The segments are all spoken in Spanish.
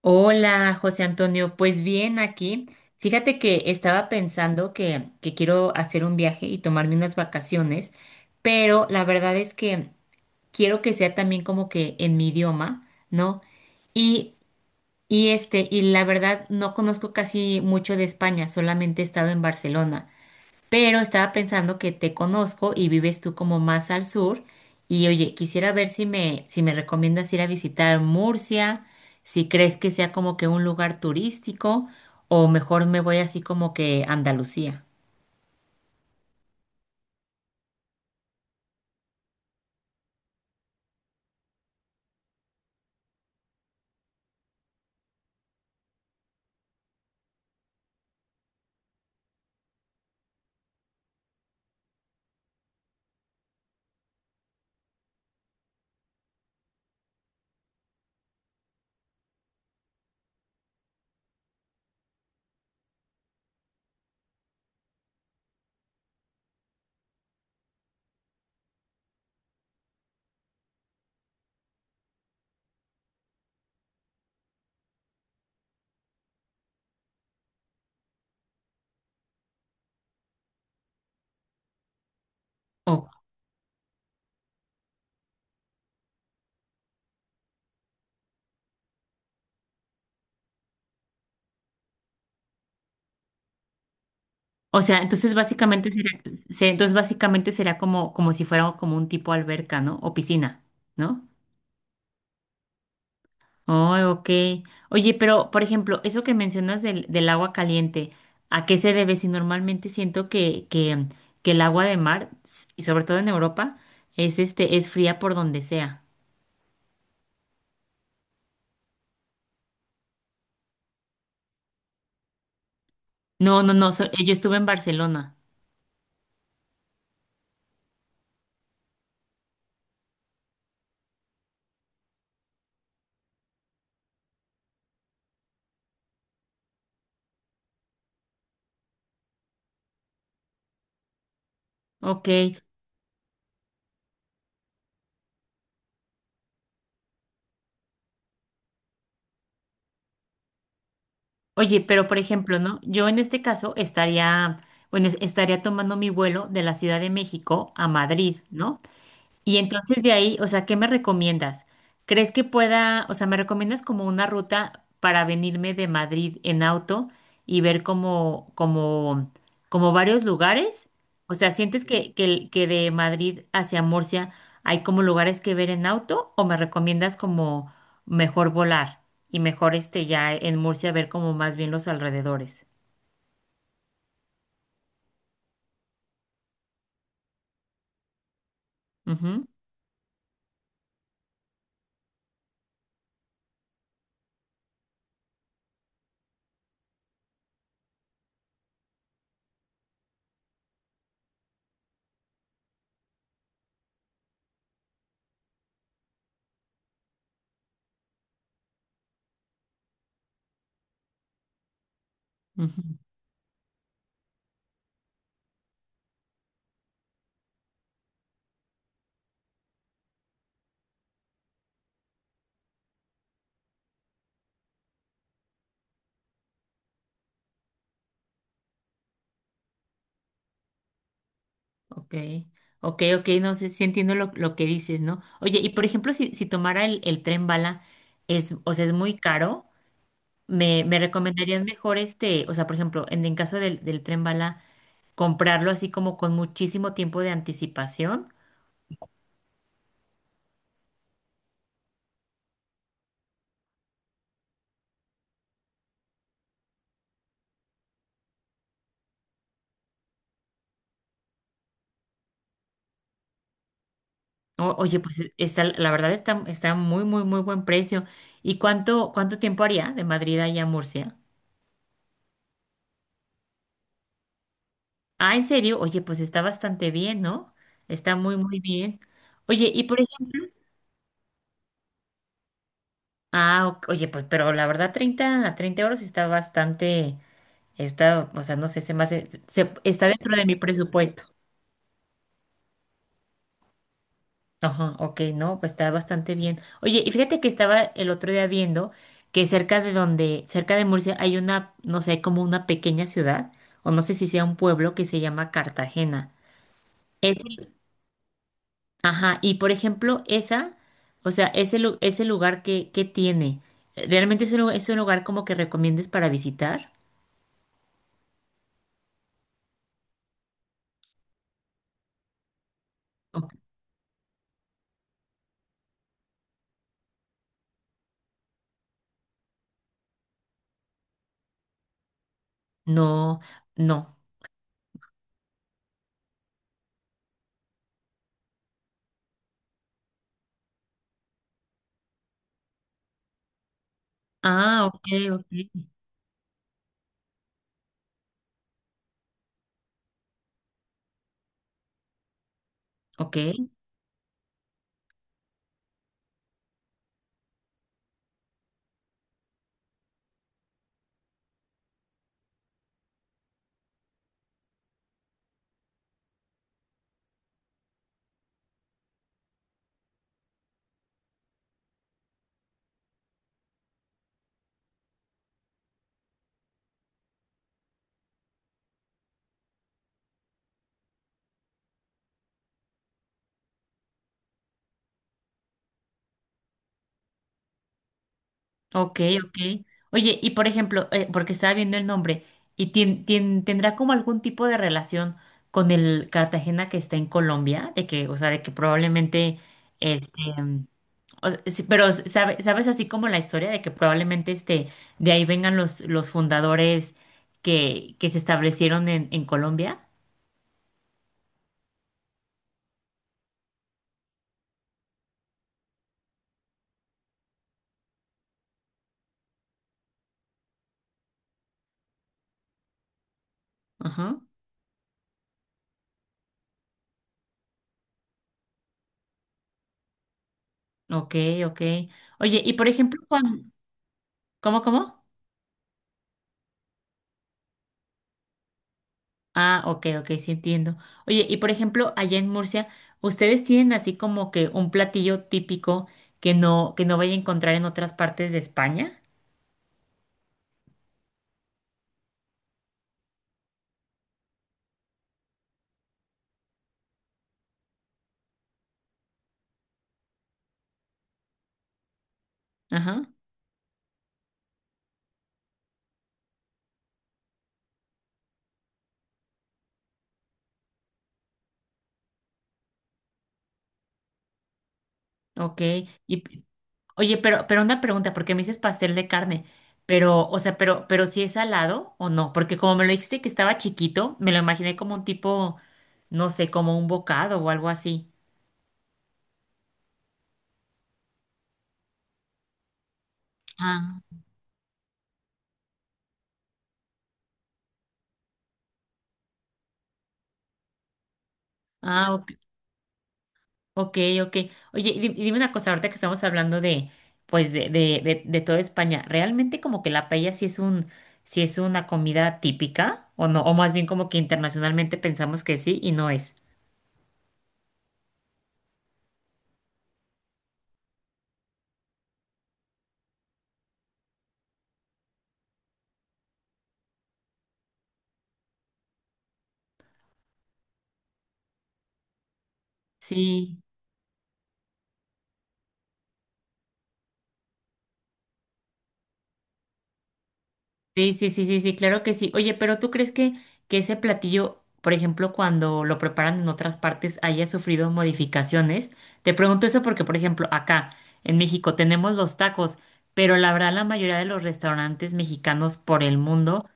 Hola, José Antonio. Pues bien, aquí. Fíjate que estaba pensando que quiero hacer un viaje y tomarme unas vacaciones, pero la verdad es que quiero que sea también como que en mi idioma, ¿no? Y, y la verdad no conozco casi mucho de España, solamente he estado en Barcelona pero estaba pensando que te conozco y vives tú como más al sur y oye, quisiera ver si me recomiendas ir a visitar Murcia, si crees que sea como que un lugar turístico o mejor me voy así como que a Andalucía. O, entonces básicamente entonces básicamente será como, como si fuera como un tipo alberca, ¿no? O piscina, ¿no? Oh, ok. Oye, pero por ejemplo, eso que mencionas del agua caliente, ¿a qué se debe? Si normalmente siento que el agua de mar, y sobre todo en Europa, es es fría por donde sea. No, no, no, yo estuve en Barcelona. Ok. Oye, pero por ejemplo, ¿no? Yo en este caso estaría, bueno, estaría tomando mi vuelo de la Ciudad de México a Madrid, ¿no? Y entonces de ahí, o sea, ¿qué me recomiendas? ¿Crees que pueda, o sea, me recomiendas como una ruta para venirme de Madrid en auto y ver como varios lugares? O sea, ¿sientes que de Madrid hacia Murcia hay como lugares que ver en auto o me recomiendas como mejor volar y mejor este ya en Murcia ver como más bien los alrededores? Ujú, ujú. Ok, ok, ok, no sé si entiendo lo que dices, ¿no? Oye, y por ejemplo, si tomara el tren bala, es, o sea, es muy caro, me recomendarías mejor este, o sea, por ejemplo, en caso del tren bala, comprarlo así como con muchísimo tiempo de anticipación? Oye, pues está, la verdad está, está muy, muy, muy buen precio. ¿Y cuánto, cuánto tiempo haría de Madrid allá a Murcia? Ah, ¿en serio? Oye, pues está bastante bien, ¿no? Está muy, muy bien. Oye, y por ejemplo, ah, ok, oye, pues, pero la verdad, 30 a 30 euros está bastante, está, o sea, no sé, se me hace, se- está dentro de mi presupuesto. Ajá, ok, no, pues está bastante bien. Oye, y fíjate que estaba el otro día viendo que cerca de Murcia hay una, no sé, como una pequeña ciudad, o no sé si sea un pueblo que se llama Cartagena. Es, el- ajá, y por ejemplo, esa, o sea, ese, lu- ese lugar que tiene, ¿realmente es es un lugar como que recomiendes para visitar? No, no. Ah, ok, ok, ok, ok. Oye, y por ejemplo, porque estaba viendo el nombre, ¿y tendrá como algún tipo de relación con el Cartagena que está en Colombia? De que, o sea, de que probablemente, este, mm, o sea, sí, pero ¿sabes así como la historia de que probablemente este, de ahí vengan los fundadores que se establecieron en Colombia? Ajá, ok, ok. Oye, y por ejemplo, Juan, cómo? Ah, ok, ok, sí entiendo. Oye, y por ejemplo, allá en Murcia, ¿ustedes tienen así como que un platillo típico que no vaya a encontrar en otras partes de España? Ajá, ok. Y p- Oye, pero una pregunta, porque me dices pastel de carne, pero, o sea, pero si es salado o no, porque como me lo dijiste que estaba chiquito, me lo imaginé como un tipo, no sé, como un bocado o algo así. Ah, ah, Ok, ok. Oye, y y dime una cosa, ahorita que estamos hablando de, pues, de toda España, ¿realmente como que la paella sí es sí es una comida típica o no? O más bien como que internacionalmente pensamos que sí y no es. Sí. Sí, sí, sí, sí, sí, claro que sí. Oye, pero ¿tú crees que ese platillo, por ejemplo, cuando lo preparan en otras partes, haya sufrido modificaciones? Te pregunto eso porque, por ejemplo, acá en México tenemos los tacos, pero la verdad la mayoría de los restaurantes mexicanos por el mundo,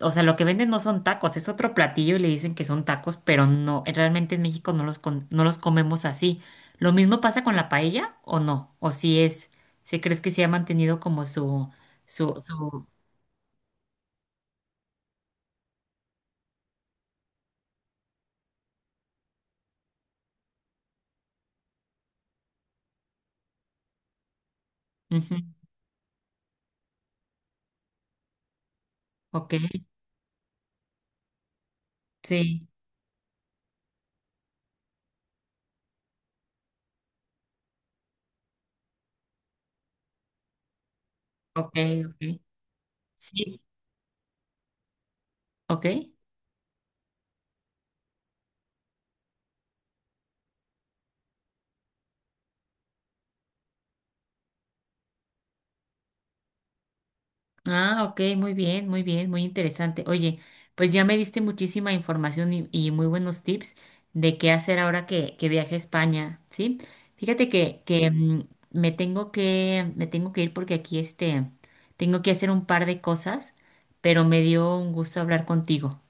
o sea, lo que venden no son tacos, es otro platillo y le dicen que son tacos, pero no, realmente en México no no los comemos así. ¿Lo mismo pasa con la paella o no? ¿O si es, si crees que se ha mantenido como su... Ujú. Ok, sí, ok, ok. Sí, ok. Ah, ok, muy bien, muy bien, muy interesante. Oye, pues ya me diste muchísima información y muy buenos tips de qué hacer ahora que viaje a España, ¿sí? Fíjate que, me tengo me tengo que ir porque aquí este, tengo que hacer un par de cosas, pero me dio un gusto hablar contigo.